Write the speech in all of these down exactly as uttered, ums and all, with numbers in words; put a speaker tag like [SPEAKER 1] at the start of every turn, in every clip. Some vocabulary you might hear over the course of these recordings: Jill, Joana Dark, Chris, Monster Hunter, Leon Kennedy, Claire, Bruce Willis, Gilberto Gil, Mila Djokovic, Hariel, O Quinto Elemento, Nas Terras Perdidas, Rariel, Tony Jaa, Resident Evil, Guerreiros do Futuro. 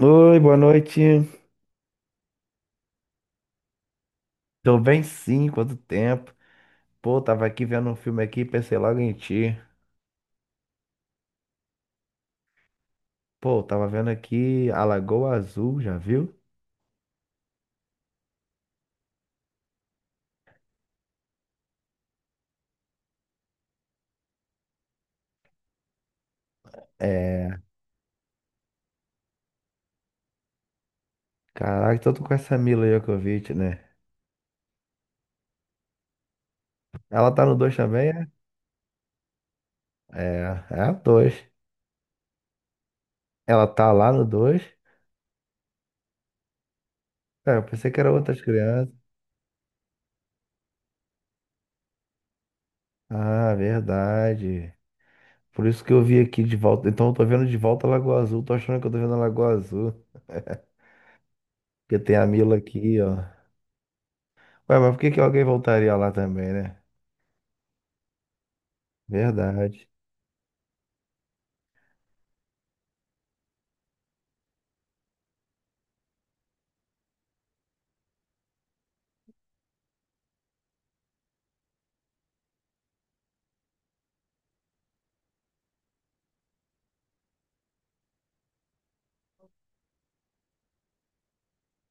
[SPEAKER 1] Oi, boa noite. Tô bem sim, quanto tempo. Pô, tava aqui vendo um filme aqui, pensei logo em ti. Pô, tava vendo aqui A Lagoa Azul, já viu? É, caraca, tô com essa Mila Djokovic, né? Ela tá no dois também, é? É, é a dois. Ela tá lá no dois. É, eu pensei que era outras crianças. Ah, verdade. Por isso que eu vi aqui de volta. Então eu tô vendo de volta a Lagoa Azul, tô achando que eu tô vendo a Lagoa Azul. Porque tem a Mila aqui, ó. Ué, mas por que que alguém voltaria lá também, né? Verdade.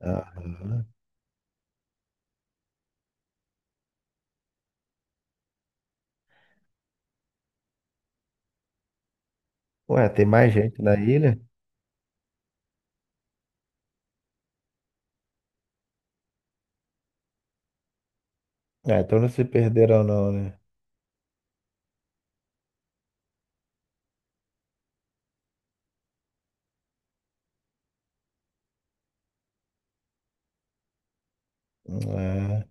[SPEAKER 1] Aham. Ué, tem mais gente na ilha? Ah, então não se perderam não, né? Ah,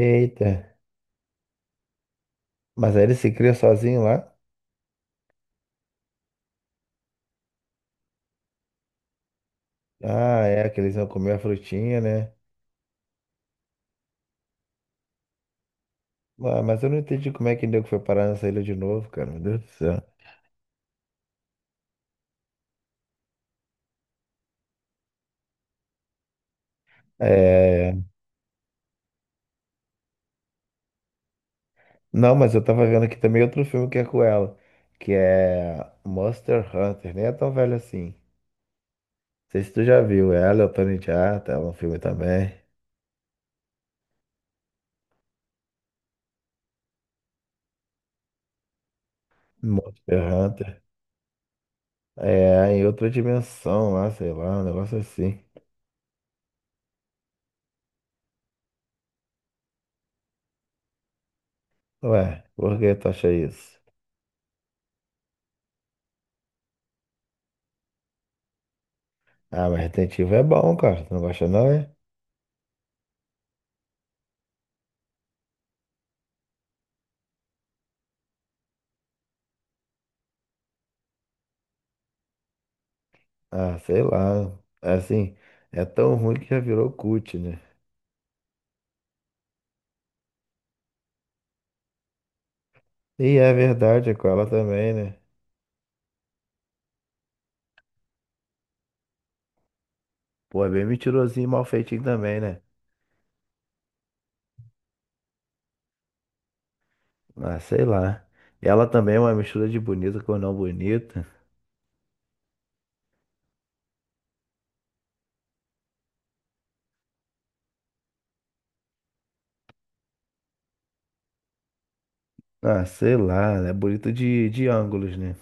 [SPEAKER 1] eita. Mas aí ele se cria sozinho lá? Ah, é, que eles iam comer a frutinha, né? Ah, mas eu não entendi como é que nego foi parar nessa ilha de novo, cara. Meu Deus do céu. É... Não, mas eu tava vendo aqui também outro filme que é com ela, que é Monster Hunter. Nem é tão velho assim. Não sei se tu já viu ela, é o Tony Jaa, tá? É um filme também. Monster Hunter. É, em outra dimensão lá, sei lá, um negócio assim. Ué, por que tu acha isso? Ah, mas Resident Evil é bom, cara. Tu não gosta não, é? Ah, sei lá. É Assim, é tão ruim que já virou cult, né? E é verdade, é com ela também, né? Pô, é bem mentirosinho e mal feitinho também, né? Ah, sei lá. Ela também é uma mistura de bonita com não bonita. Ah, sei lá, é bonito de, de ângulos, né?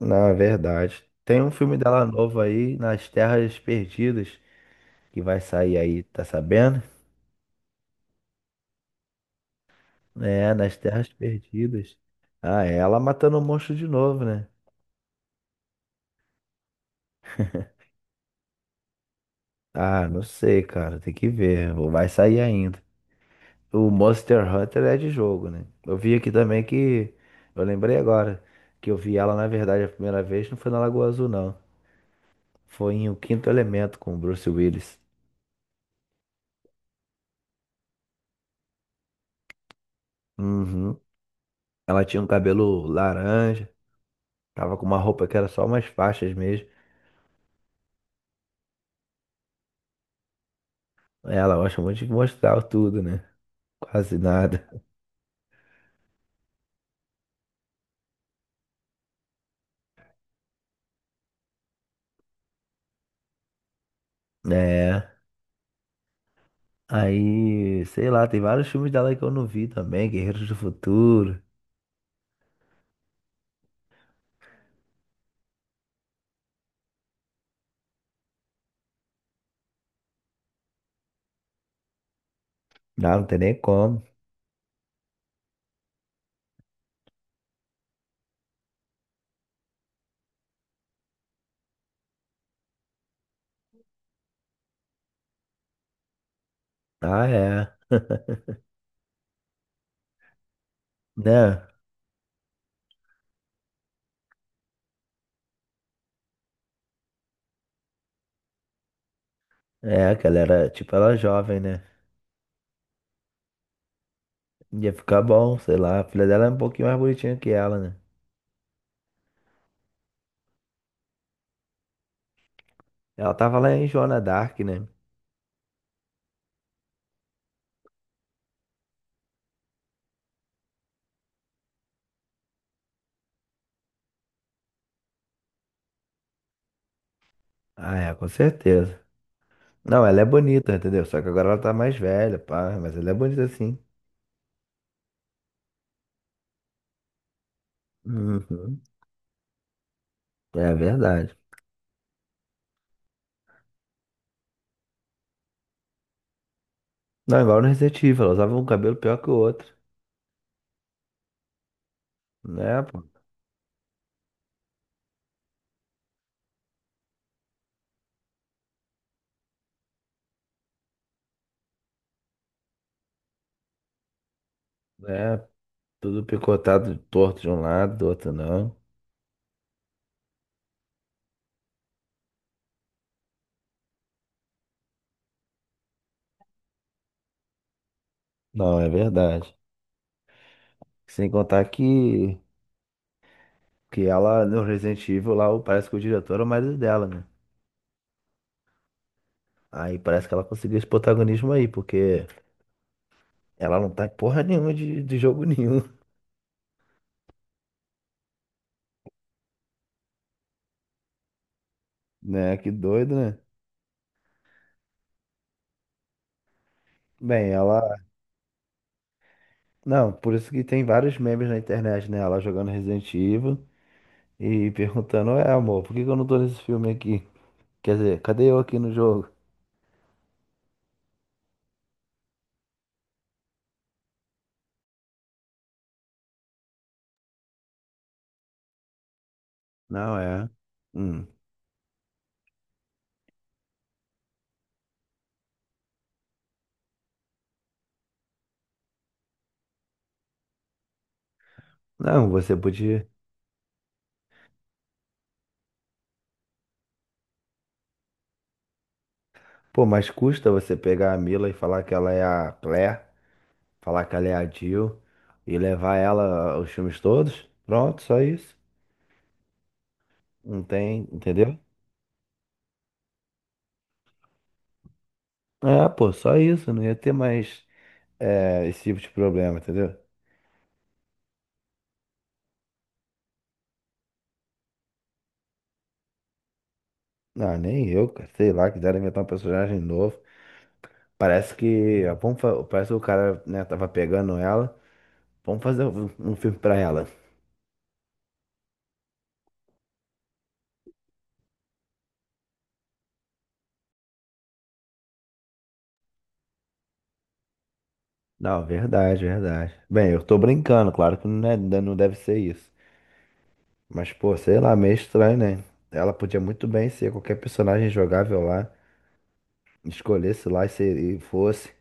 [SPEAKER 1] Na verdade. Tem um filme dela novo aí, Nas Terras Perdidas. Que vai sair aí, tá sabendo? É, nas Terras Perdidas. Ah, é ela matando o monstro de novo, né? Ah, não sei, cara, tem que ver. Ou vai sair ainda. O Monster Hunter é de jogo, né? Eu vi aqui também que. Eu lembrei agora que eu vi ela, na verdade, a primeira vez não foi na Lagoa Azul, não. Foi em O Quinto Elemento com o Bruce Willis. Uhum. Ela tinha um cabelo laranja, tava com uma roupa que era só umas faixas mesmo. Ela gosta muito de mostrar tudo, né? Quase nada. É. Aí, sei lá, tem vários filmes dela que eu não vi também, Guerreiros do Futuro. Não, não tem nem como. Ah, é. Né? É, que ela era, tipo, ela é jovem, né? Ia ficar bom, sei lá. A filha dela é um pouquinho mais bonitinha que ela, né? Ela tava lá em Joana Dark, né? Ah, é, com certeza. Não, ela é bonita, entendeu? Só que agora ela tá mais velha, pá. Mas ela é bonita sim. Uhum. É verdade. Não, igual no Resident Evil, ela usava um cabelo pior que o outro. Né, pô? É. Tudo picotado, torto de um lado, do outro não. Não, é verdade. Sem contar que, que ela, no Resident Evil, lá, o- parece que o diretor é o marido dela, né? Aí parece que ela conseguiu esse protagonismo aí, porque ela não tá em porra nenhuma de, de jogo nenhum, né? Que doido, né? Bem, ela. Não, por isso que tem vários memes na internet, né? Ela jogando Resident Evil e perguntando: Ué, amor, por que que eu não tô nesse filme aqui? Quer dizer, cadê eu aqui no jogo? Não, é. Hum. Não, você podia. Pô, mas custa você pegar a Mila e falar que ela é a Claire, falar que ela é a Jill e levar ela aos filmes todos? Pronto, só isso. Não tem, entendeu? É, pô, só isso. Não ia ter mais é, esse tipo de problema, entendeu? Não, nem eu, cara. Sei lá, quiseram inventar um personagem novo. Parece que, ah, vamos, fa- parece que o cara, né, tava pegando ela. Vamos fazer um um filme pra ela. Não, verdade, verdade. Bem, eu tô brincando, claro que não é- não deve ser isso. Mas, pô, sei lá, meio estranho, né? Ela podia muito bem ser qualquer personagem jogável lá, escolhesse lá e, se- e fosse.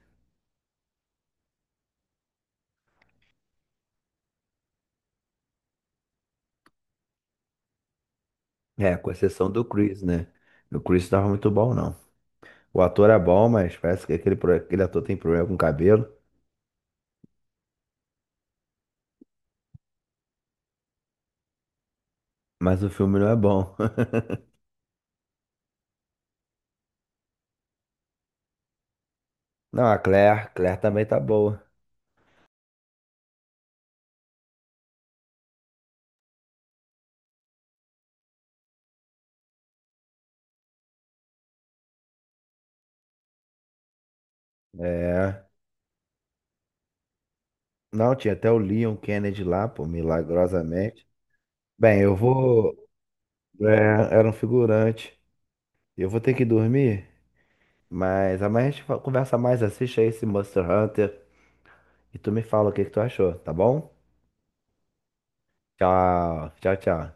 [SPEAKER 1] É, com exceção do Chris, né? O Chris não tava muito bom, não. O ator é bom, mas parece que aquele, pro- aquele ator tem problema com cabelo. Mas o filme não é bom. Não, a Claire, Claire também tá boa. É. Não, tinha até o Leon Kennedy lá, pô, milagrosamente. Bem, eu vou. É, era um figurante. Eu vou ter que dormir. Mas amanhã a gente fa- conversa mais, assiste aí esse Monster Hunter e tu me fala o que que tu achou, tá bom? Tchau, tchau, tchau.